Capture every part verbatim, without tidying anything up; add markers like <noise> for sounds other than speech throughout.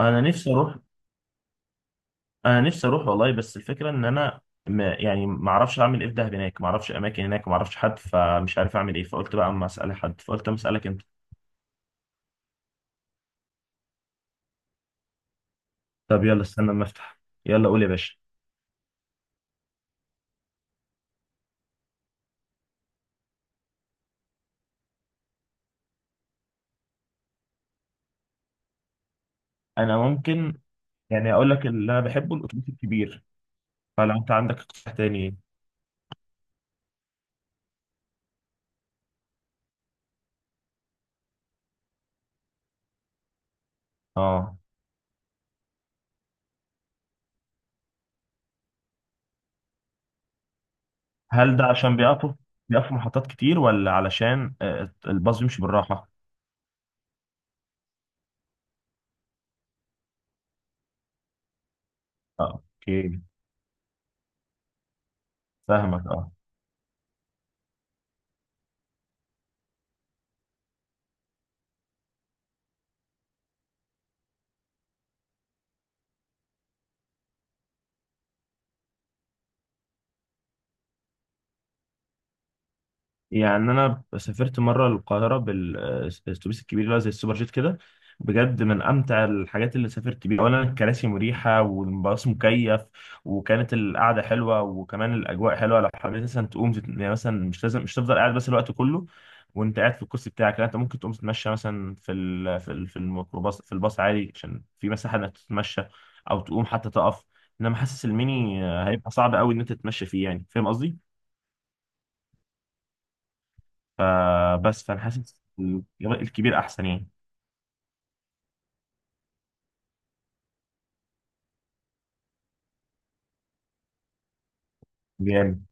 انا نفسي اروح انا نفسي اروح والله، بس الفكره ان انا ما يعني ما اعرفش اعمل ايه في دهب. هناك ما اعرفش اماكن، هناك ما اعرفش حد، فمش عارف اعمل ايه. فقلت بقى اما اسال حد، فقلت اما اسالك انت. طب يلا استنى اما افتح. يلا قول يا باشا. انا ممكن يعني اقول لك اللي انا بحبه الاتوبيس الكبير، فلو انت عندك اقتراح تاني. اه، هل ده عشان بيقفوا بيقفوا محطات كتير ولا علشان آه، الباص بيمشي بالراحه؟ اه اوكي. فاهمك اه. يعني انا سافرت مره القاهره بالاتوبيس الكبير، اللي هو زي السوبر جيت كده، بجد من امتع الحاجات اللي سافرت بيها. اولا الكراسي مريحه والباص مكيف، وكانت القعده حلوه، وكمان الاجواء حلوه. لو حبيت مثلا تقوم تت- يعني مثلا مش لازم مش تفضل قاعد بس الوقت كله وانت قاعد في الكرسي بتاعك، لا انت ممكن تقوم تتمشى مثلا في ال... في ال... في الميكروباص، في الباص عادي، عشان في مساحه انك تتمشى او تقوم حتى تقف. انما حاسس الميني آه، هيبقى صعب قوي ان انت تتمشى فيه، يعني فاهم قصدي. فبس فانا حاسس الجبل الكبير احسن يعني. جامد.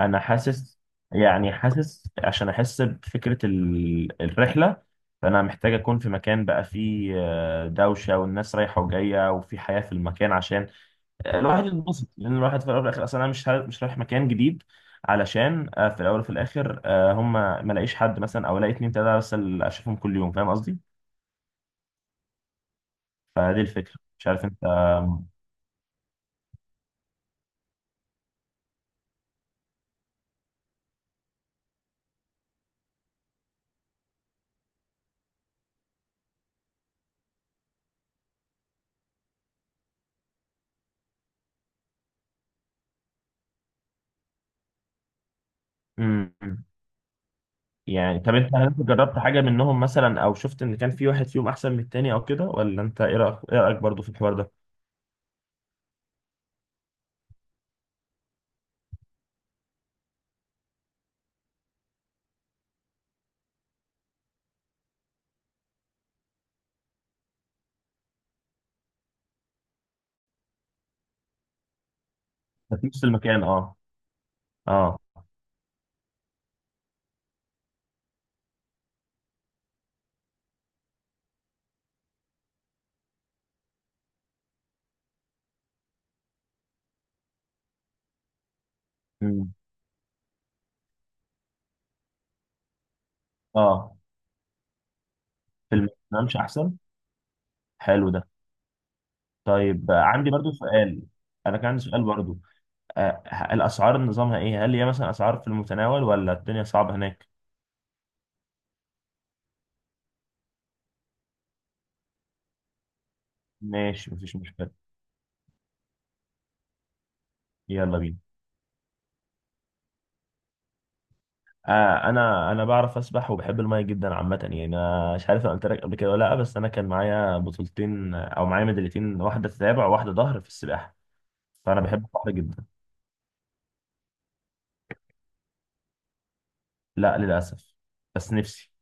انا حاسس يعني حاسس عشان احس بفكره ال- الرحله. فانا محتاج اكون في مكان بقى فيه آه، دوشه والناس رايحه وجايه وفي حياه في المكان، عشان آه، الواحد يتبسط. لان الواحد في الاول والاخر اصلا انا مش ه- مش رايح مكان جديد، علشان آه، في الاول وفي الاخر آه، هم ما الاقيش حد مثلا او الاقي اتنين تلاته بس اللي اشوفهم كل يوم، فاهم قصدي. فدي الفكره، مش عارف انت. مم. يعني طب انت، هل انت جربت حاجة منهم مثلا او شفت ان كان في واحد فيهم احسن من التاني او كده؟ ولا انت ايه رأيك ايه رأيك برضه في الحوار ده؟ في نفس المكان اه. اه. امم. اه، في المكان مش احسن. حلو ده. طيب آه، عندي برضه سؤال. انا كان عندي سؤال برضه. آه، ه- الاسعار نظامها ايه؟ هل هي مثلا اسعار في المتناول ولا الدنيا صعبة هناك؟ ماشي مفيش مشكلة. يلا بينا. آه، انا انا بعرف اسبح وبحب الميه جدا عامه. يعني انا مش عارف انا قلت لك قبل كده ولا لا، بس انا كان معايا بطولتين او معايا ميداليتين، واحده تتابع وواحده ظهر في السباحه. فانا بحب البحر جدا. لا للاسف، بس نفسي.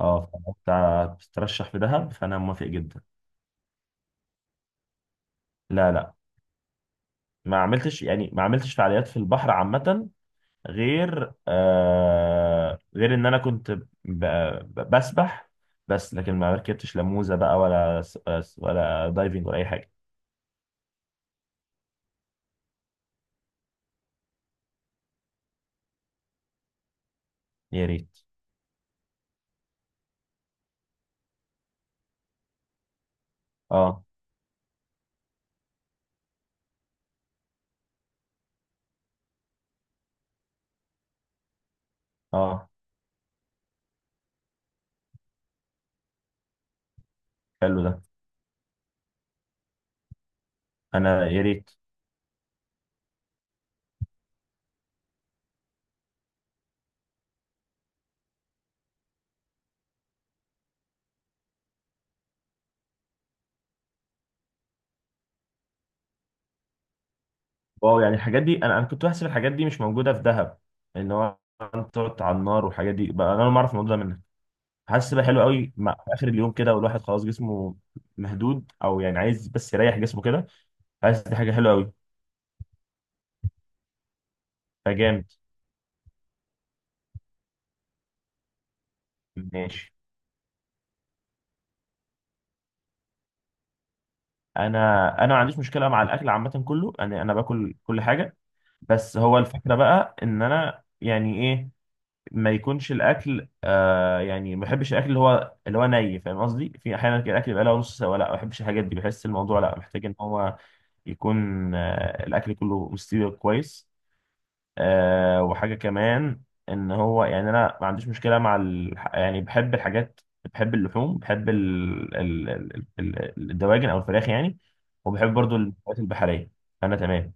اه. فأنت بتترشح في دهب، فانا موافق جدا. لا لا، ما عملتش، يعني ما عملتش فعاليات في البحر عامه، غير آه، غير ان انا كنت ب- ب- بسبح. بس لكن ما ركبتش لا موزه بقى ولا س- ولا دايفنج ولا اي حاجه. يا ريت. اه. اه. حلو ده. انا يا ريت. واو، يعني الحاجات دي، انا انا كنت بحسب الحاجات دي مش موجوده في دهب. ان هو انت تقعد على النار والحاجات دي بقى، انا أول ما اعرف الموضوع ده منك. حاسس بقى حلو قوي، مع في اخر اليوم كده والواحد خلاص جسمه مهدود او يعني عايز بس يريح جسمه كده، حاسس دي حاجه حلوه قوي. فجامد. ماشي. انا انا ما عنديش مشكله مع الاكل عامه كله، انا انا باكل كل حاجه. بس هو الفكره بقى ان انا يعني ايه، ما يكونش الاكل آه، يعني ما بحبش الاكل اللي هو اللي هو ني، فاهم قصدي؟ في احيانا كده الاكل بقى له نص سوا، لا ما بحبش الحاجات دي، بحس الموضوع لا محتاج ان هو يكون آه الاكل كله مستوي كويس. آه وحاجه كمان ان هو، يعني انا ما عنديش مشكله مع ال... يعني بحب الحاجات، بحب اللحوم، بحب ال... ال... ال... ال- الدواجن او الفراخ يعني، وبحب برضو الحاجات البحريه. انا تمام.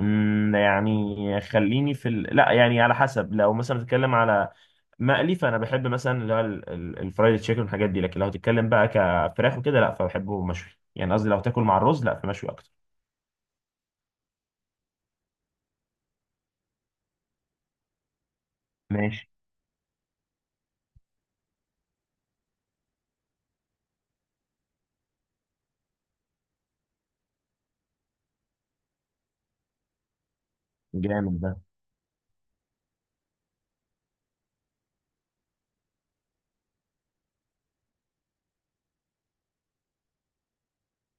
أمم، يعني خليني في ال... لا يعني على حسب، لو مثلا بتتكلم على مقلي فانا بحب مثلا اللي هو ال- ال- الفرايد تشيكن والحاجات دي، لكن لو هتتكلم بقى كفراخ وكده لا فبحبه مشوي يعني، قصدي لو تاكل مع الرز لا فمشوي اكتر. ماشي. جامد ده.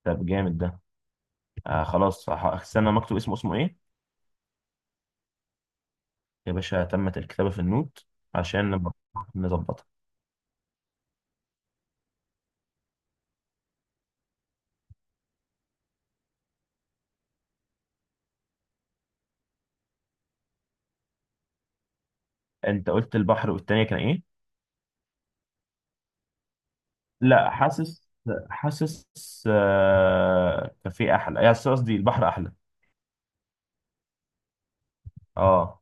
طب جامد ده. آه خلاص هح- استنى ما اكتب اسمه. اسمه ايه؟ يا باشا تمت الكتابة في النوت عشان نبقى نظبطها. انت قلت البحر والتانية كان ايه؟ لا حاسس حاسس آه، كافيه احلى، يعني قصدي البحر احلى. اه.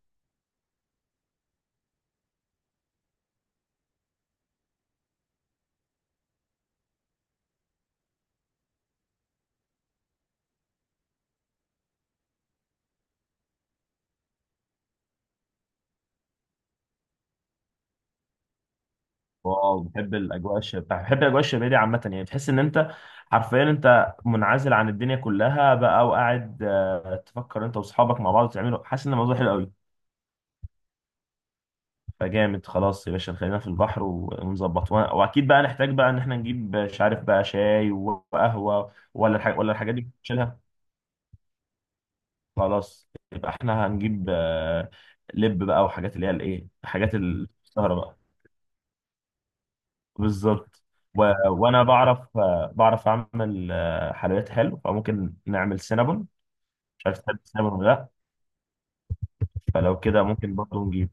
واو، بحب الاجواء الشبابيه، بحب الاجواء الشبابيه دي عامه، يعني تحس ان انت حرفيا انت منعزل عن الدنيا كلها بقى، وقاعد آه، تفكر انت واصحابك مع بعض تعملوا، حاسس ان الموضوع حلو قوي. فجامد. خلاص يا باشا خلينا في البحر و- ونظبط، وأنا- واكيد بقى نحتاج بقى ان احنا نجيب، مش عارف بقى شاي وقهوه ولا الحاجة ولا الحاجات دي نشيلها. خلاص يبقى احنا هنجيب آه، لب بقى وحاجات اللي هي الايه حاجات السهره بقى. بالظبط. و... وانا بعرف آه، بعرف اعمل آه، حلويات حلو، فممكن نعمل سينابون. مش عارف تحب السينابون ولا لا؟ فلو كده ممكن برضه نجيب.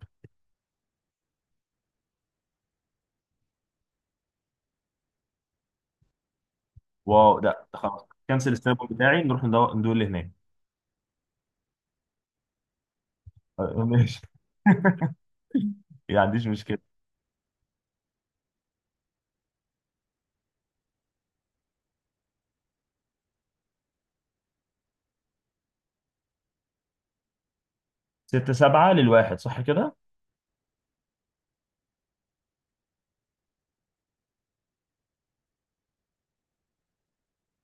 واو، ده ده خلاص كنسل السينابون بتاعي، نروح ندو- ندول هناك. آه، ماشي. <laughs> ما عنديش مشكله. ستة سبعة للواحد صح كده؟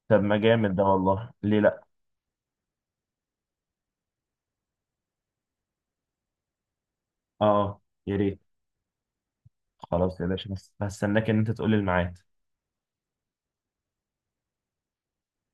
طب ما جامد ده والله، ليه لا؟ اه يا ريت. خلاص يا باشا، بس هستناك ان انت تقول لي الميعاد.